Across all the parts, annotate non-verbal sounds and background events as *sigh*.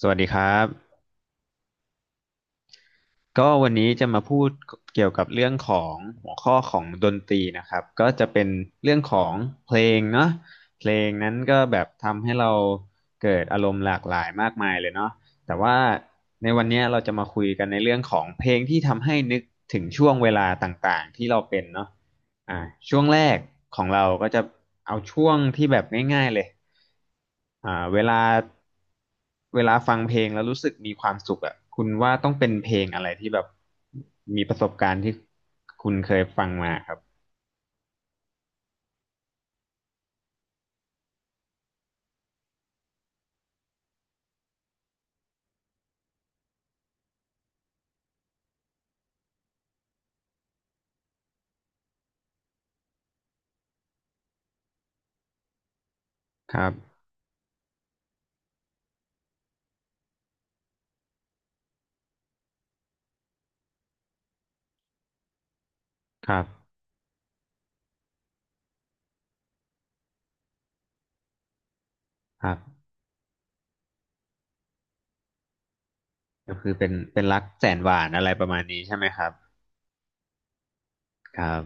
สวัสดีครับก็วันนี้จะมาพูดเกี่ยวกับเรื่องของหัวข้อของดนตรีนะครับก็จะเป็นเรื่องของเพลงเนาะเพลงนั้นก็แบบทำให้เราเกิดอารมณ์หลากหลายมากมายเลยเนาะแต่ว่าในวันเนี้ยเราจะมาคุยกันในเรื่องของเพลงที่ทำให้นึกถึงช่วงเวลาต่างๆที่เราเป็นเนาะ อ่าช่วงแรกของเราก็จะเอาช่วงที่แบบง่ายๆเลยอ่าเวลาเวลาฟังเพลงแล้วรู้สึกมีความสุขอ่ะคุณว่าต้องเป็นเพลงอะไรที่แบบมีประสบการณ์ที่คุณเคยฟังมาครับครับครับครับก็คือเป็นรักแสนหวานอะไรประมาณนี้ใช่ไหมครับครับ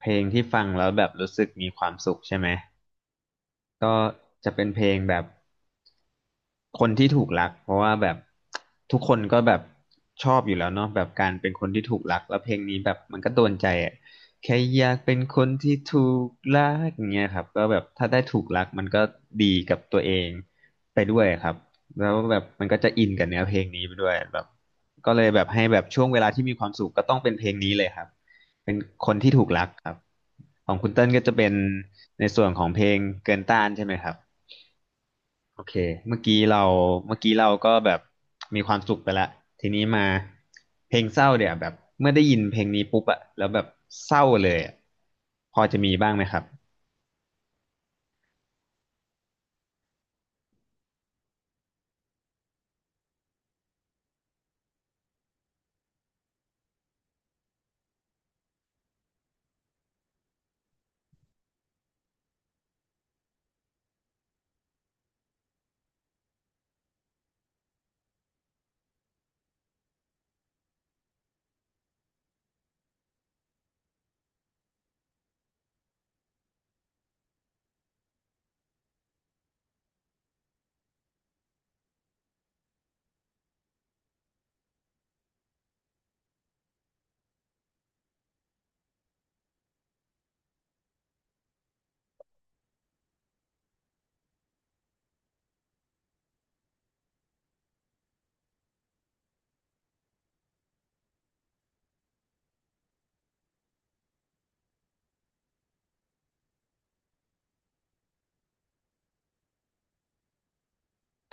เพลงที่ฟังแล้วแบบรู้สึกมีความสุขใช่ไหมก็จะเป็นเพลงแบบ คนที่ถูกรักเพราะว่าแบบทุกคนก็แบบชอบอยู่แล้วเนาะแบบการเป็นคนที่ถูกรักแล้วเพลงนี้แบบมันก็โดนใจอ่ะแค่อยากเป็นคนที่ถูกรักอย่างเงี้ยครับก็แบบถ้าได้ถูกรักมันก็ดีกับตัวเองไปด้วยครับแล้วแบบมันก็จะอินกับเนื้อเพลงนี้ไปด้วยแบบก็เลยแบบให้แบบช่วงเวลาที่มีความสุขก็ต้องเป็นเพลงนี้เลยครับเป็นคนที่ถูกรักครับของคุณเติ้ลก็จะเป็นในส่วนของเพลงเกินต้านใช่ไหมครับ โอเคเมื่อกี้เราเมื่อกี้เราก็แบบมีความสุขไปแล้ว ทีนี้มาเพลงเศร้าเดี๋ยวแบบเมื่อได้ยินเพลงนี้ปุ๊บอะแล้วแบบเศร้าเลยอะพอจะมีบ้างไหมครับ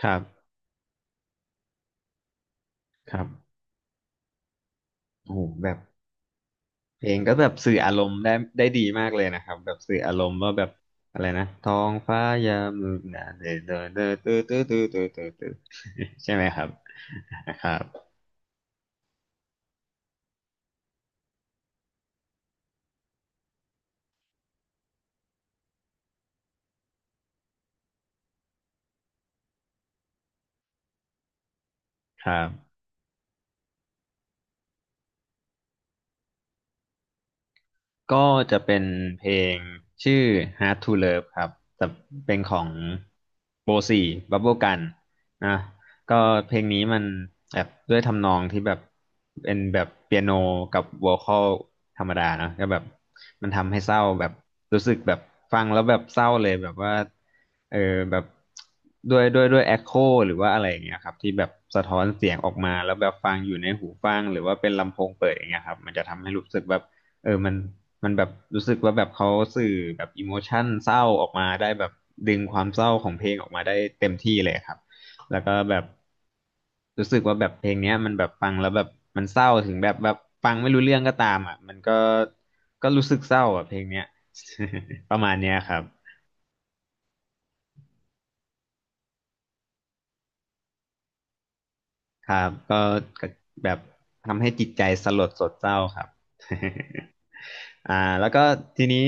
ครับครับโอ้โหแบบเพลงก็แบบสื่ออารมณ์ได้ดีมากเลยนะครับแบบสื่ออารมณ์ว่าแบบอะไรนะท้องฟ้ายามมืดหนาเดอเดอเดอตื้อตื้อตื้อตื้อตื้อตื้อใช่ไหมครับครับครับ ก็จะเป็นเพลงชื่อ Hard to Love ครับแต่เป็นของโบสี่บับเบิลกันนะก็เพลงนี้มันแบบด้วยทำนองที่แบบเป็นแบบเปียโนกับวอคอลธรรมดาเนอะก็แบบมันทำให้เศร้าแบบรู้สึกแบบฟังแล้วแบบเศร้าเลยแบบว่าเออแบบด้วยแอคโคหรือว่าอะไรอย่างเงี้ยครับที่แบบสะท้อนเสียงออกมาแล้วแบบฟังอยู่ในหูฟังหรือว่าเป็นลำโพงเปิดอย่างเงี้ยครับมันจะทำให้รู้สึกแบบเออมัน มันแบบรู้สึกว่าแบบเขาสื่อแบบอิโมชันเศร้าออกมาได้แบบดึงความเศร้าของเพลงออกมาได้เต็มที่เลยครับแล้วก็แบบรู้สึกว่าแบบเพลงเนี้ยมันแบบฟังแล้วแบบมันเศร้าถึงแบบฟังไม่รู้เรื่องก็ตามอ่ะมันก็รู้สึกเศร้าอ่ะเพลงเนี้ย *laughs* ประมาณเนี้ยครับครับก็แบบทำให้จิตใจสลดสดเศร้าครับ *laughs* อ่าแล้วก็ทีนี้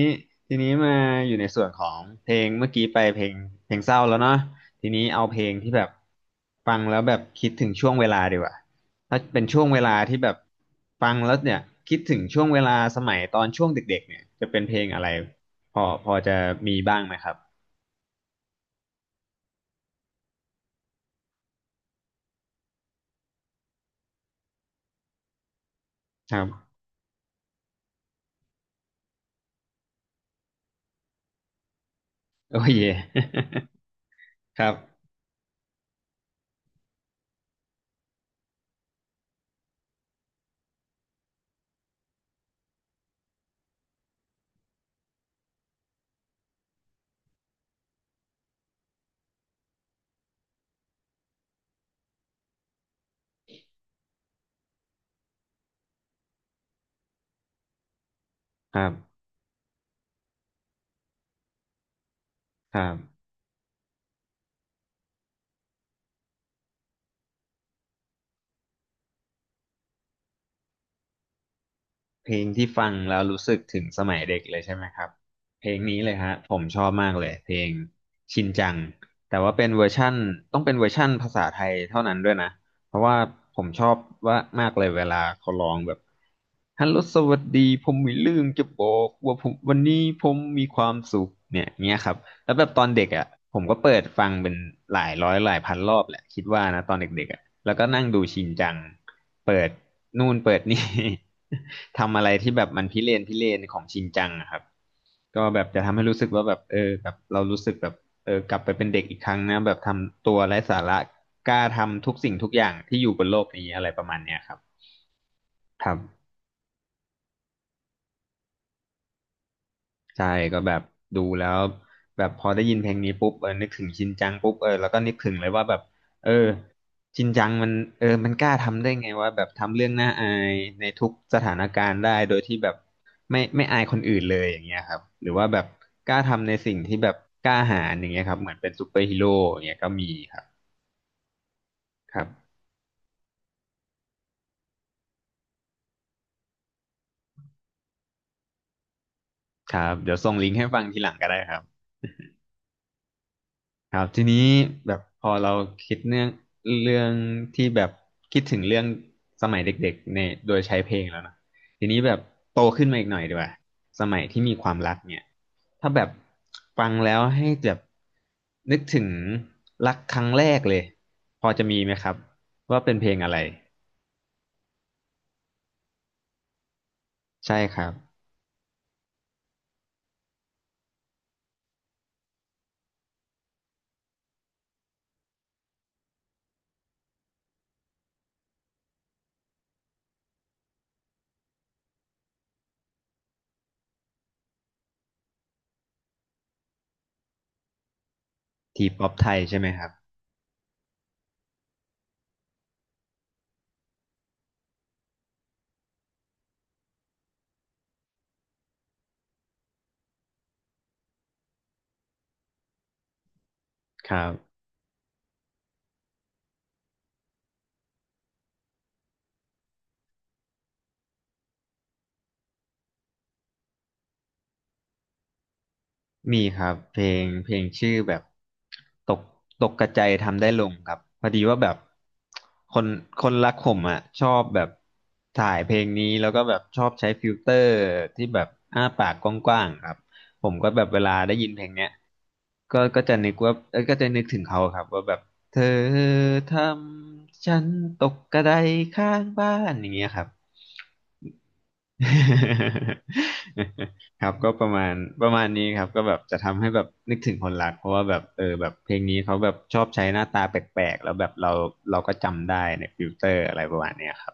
ทีนี้มาอยู่ในส่วนของเพลงเมื่อกี้ไปเพลงเศร้าแล้วเนาะทีนี้เอาเพลงที่แบบฟังแล้วแบบคิดถึงช่วงเวลาดีกว่าถ้าเป็นช่วงเวลาที่แบบฟังแล้วเนี่ยคิดถึงช่วงเวลาสมัยตอนช่วงเด็กๆเนี่ยจะเป็นเพลงอะไรพอจะมีบ้างไหมครับครับโอเค *laughs* ครับครับครับ เพลงที่ฟังแล้วรู้สึกถึงสมัยเด็กเลยใช่ไหมครับเพลงนี้เลยฮะผมชอบมากเลยเพลงชินจังแต่ว่าเป็นเวอร์ชั่นต้องเป็นเวอร์ชั่นภาษาไทยเท่านั้นด้วยนะเพราะว่าผมชอบว่ามากเลยเวลาเขาร้องแบบฮัลโหลสวัสดีผมมีเรื่องจะบอกว่าผมวันนี้ผมมีความสุขเนี่ยเงี้ยครับแล้วแบบตอนเด็กอ่ะผมก็เปิดฟังเป็นหลายร้อยหลายพันรอบแหละคิดว่านะตอนเด็กๆอ่ะแล้วก็นั่งดูชินจัง เปิดนู่นเปิดนี่ *laughs* ทำอะไรที่แบบมันพิเรนของชินจังอะครับก็แบบจะทำให้รู้สึกว่าแบบเออแบบเรารู้สึกแบบเออกลับไปเป็นเด็กอีกครั้งนะแบบทำตัวไร้สาระกล้าทำทุกสิ่งทุกอย่างที่อยู่บนโลกนี้อะไรประมาณเนี้ยครับครับ ใช่ก็แบบดูแล้วแบบพอได้ยินเพลงนี้ปุ๊บนึกถึงชินจังปุ๊บแล้วก็นึกถึงเลยว่าแบบเออชินจังมันมันกล้าทำได้ไงว่าแบบทำเรื่องน่าอายในทุกสถานการณ์ได้โดยที่แบบไม่อายคนอื่นเลยอย่างเงี้ยครับหรือว่าแบบกล้าทำในสิ่งที่แบบกล้าหาญอย่างเงี้ยครับเหมือนเป็นซูเปอร์ฮีโร่อย่างเงี้ยก็มีครับครับครับเดี๋ยวส่งลิงก์ให้ฟังทีหลังก็ได้ครับ ครับทีนี้แบบพอเราคิดเรื่องเรื่องที่แบบคิดถึงเรื่องสมัยเด็กๆเนี่ยโดยใช้เพลงแล้วนะทีนี้แบบโตขึ้นมาอีกหน่อยดีกว่าสมัยที่มีความรักเนี่ยถ้าแบบฟังแล้วให้แบบนึกถึงรักครั้งแรกเลยพอจะมีไหมครับว่าเป็นเพลงอะไรใช่ครับทีป๊อปไทยใช่ไหมครับครับ มีครับเพลงชื่อแบบตกกระจายทำได้ลงครับพอดีว่าแบบคนรักผมอ่ะชอบแบบถ่ายเพลงนี้แล้วก็แบบชอบใช้ฟิลเตอร์ที่แบบอ้าปากกว้างๆครับผมก็แบบเวลาได้ยินเพลงเนี้ยก็จะนึกว่าเอ้ยก็จะนึกถึงเขาครับว่าแบบเธอทำฉันตกกระไดข้างบ้านอย่างเงี้ยครับ *laughs* ครับก็ประมาณนี้ครับก็แบบจะทำให้แบบนึกถึงคนรักเพราะว่าแบบแบบเพลงนี้เขาแบบชอบใช้หน้าตาแปลกๆแล้วแบบเราก็จำได้ในฟิลเตอร์อะไรประมาณเนี้ยครับ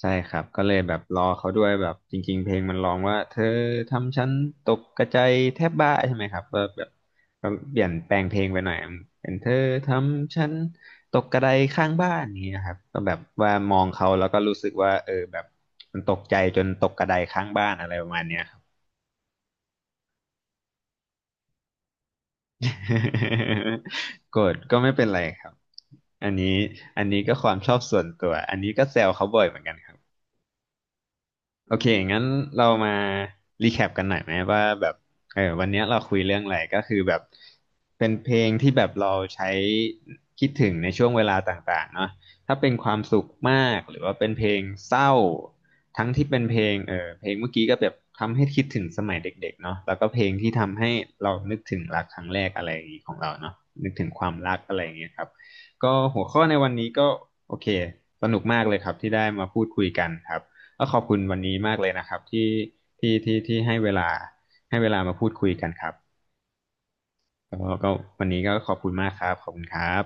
ใช่ครับก็เลยแบบรอเขาด้วยแบบจริงๆเพลงมันร้องว่าเธอทำฉันตกกระจายแทบบ้าใช่ไหมครับก็แบบก็เปลี่ยนแปลงเพลงไปหน่อยเป็นเธอทำฉันตกกระไดข้างบ้านนี้ยครับก็แบบว่ามองเขาแล้วก็รู้สึกว่าแบบมันตกใจจนตกกระไดข้างบ้านอะไรประมาณเนี้ยครับ *laughs* โกรธก็ไม่เป็นไรครับอันนี้ก็ความชอบส่วนตัวอันนี้ก็แซวเขาบ่อยเหมือนกันครับ โอเคงั้นเรามารีแคปกันหน่อยไหมว่าแบบวันเนี้ยเราคุยเรื่องอะไรก็คือแบบเป็นเพลงที่แบบเราใช้คิดถึงในช่วงเวลาต่างๆเนาะถ้าเป็นความสุขมากหรือว่าเป็นเพลงเศร้าทั้งที่เป็นเพลงเพลงเมื่อกี้ก็แบบทำให้คิดถึงสมัยเด็กๆเนาะแล้วก็เพลงที่ทำให้เรานึกถึงรักครั้งแรกอะไรอย่างงี้ของเราเนาะนึกถึงความรักอะไรอย่างเงี้ยครับก็หัวข้อในวันนี้ก็โอเคสนุกมากเลยครับที่ได้มาพูดคุยกันครับ ก็ขอบคุณวันนี้มากเลยนะครับที่ให้เวลามาพูดคุยกันครับก็ก็วันนี้ก็ขอบคุณมากครับขอบคุณครับ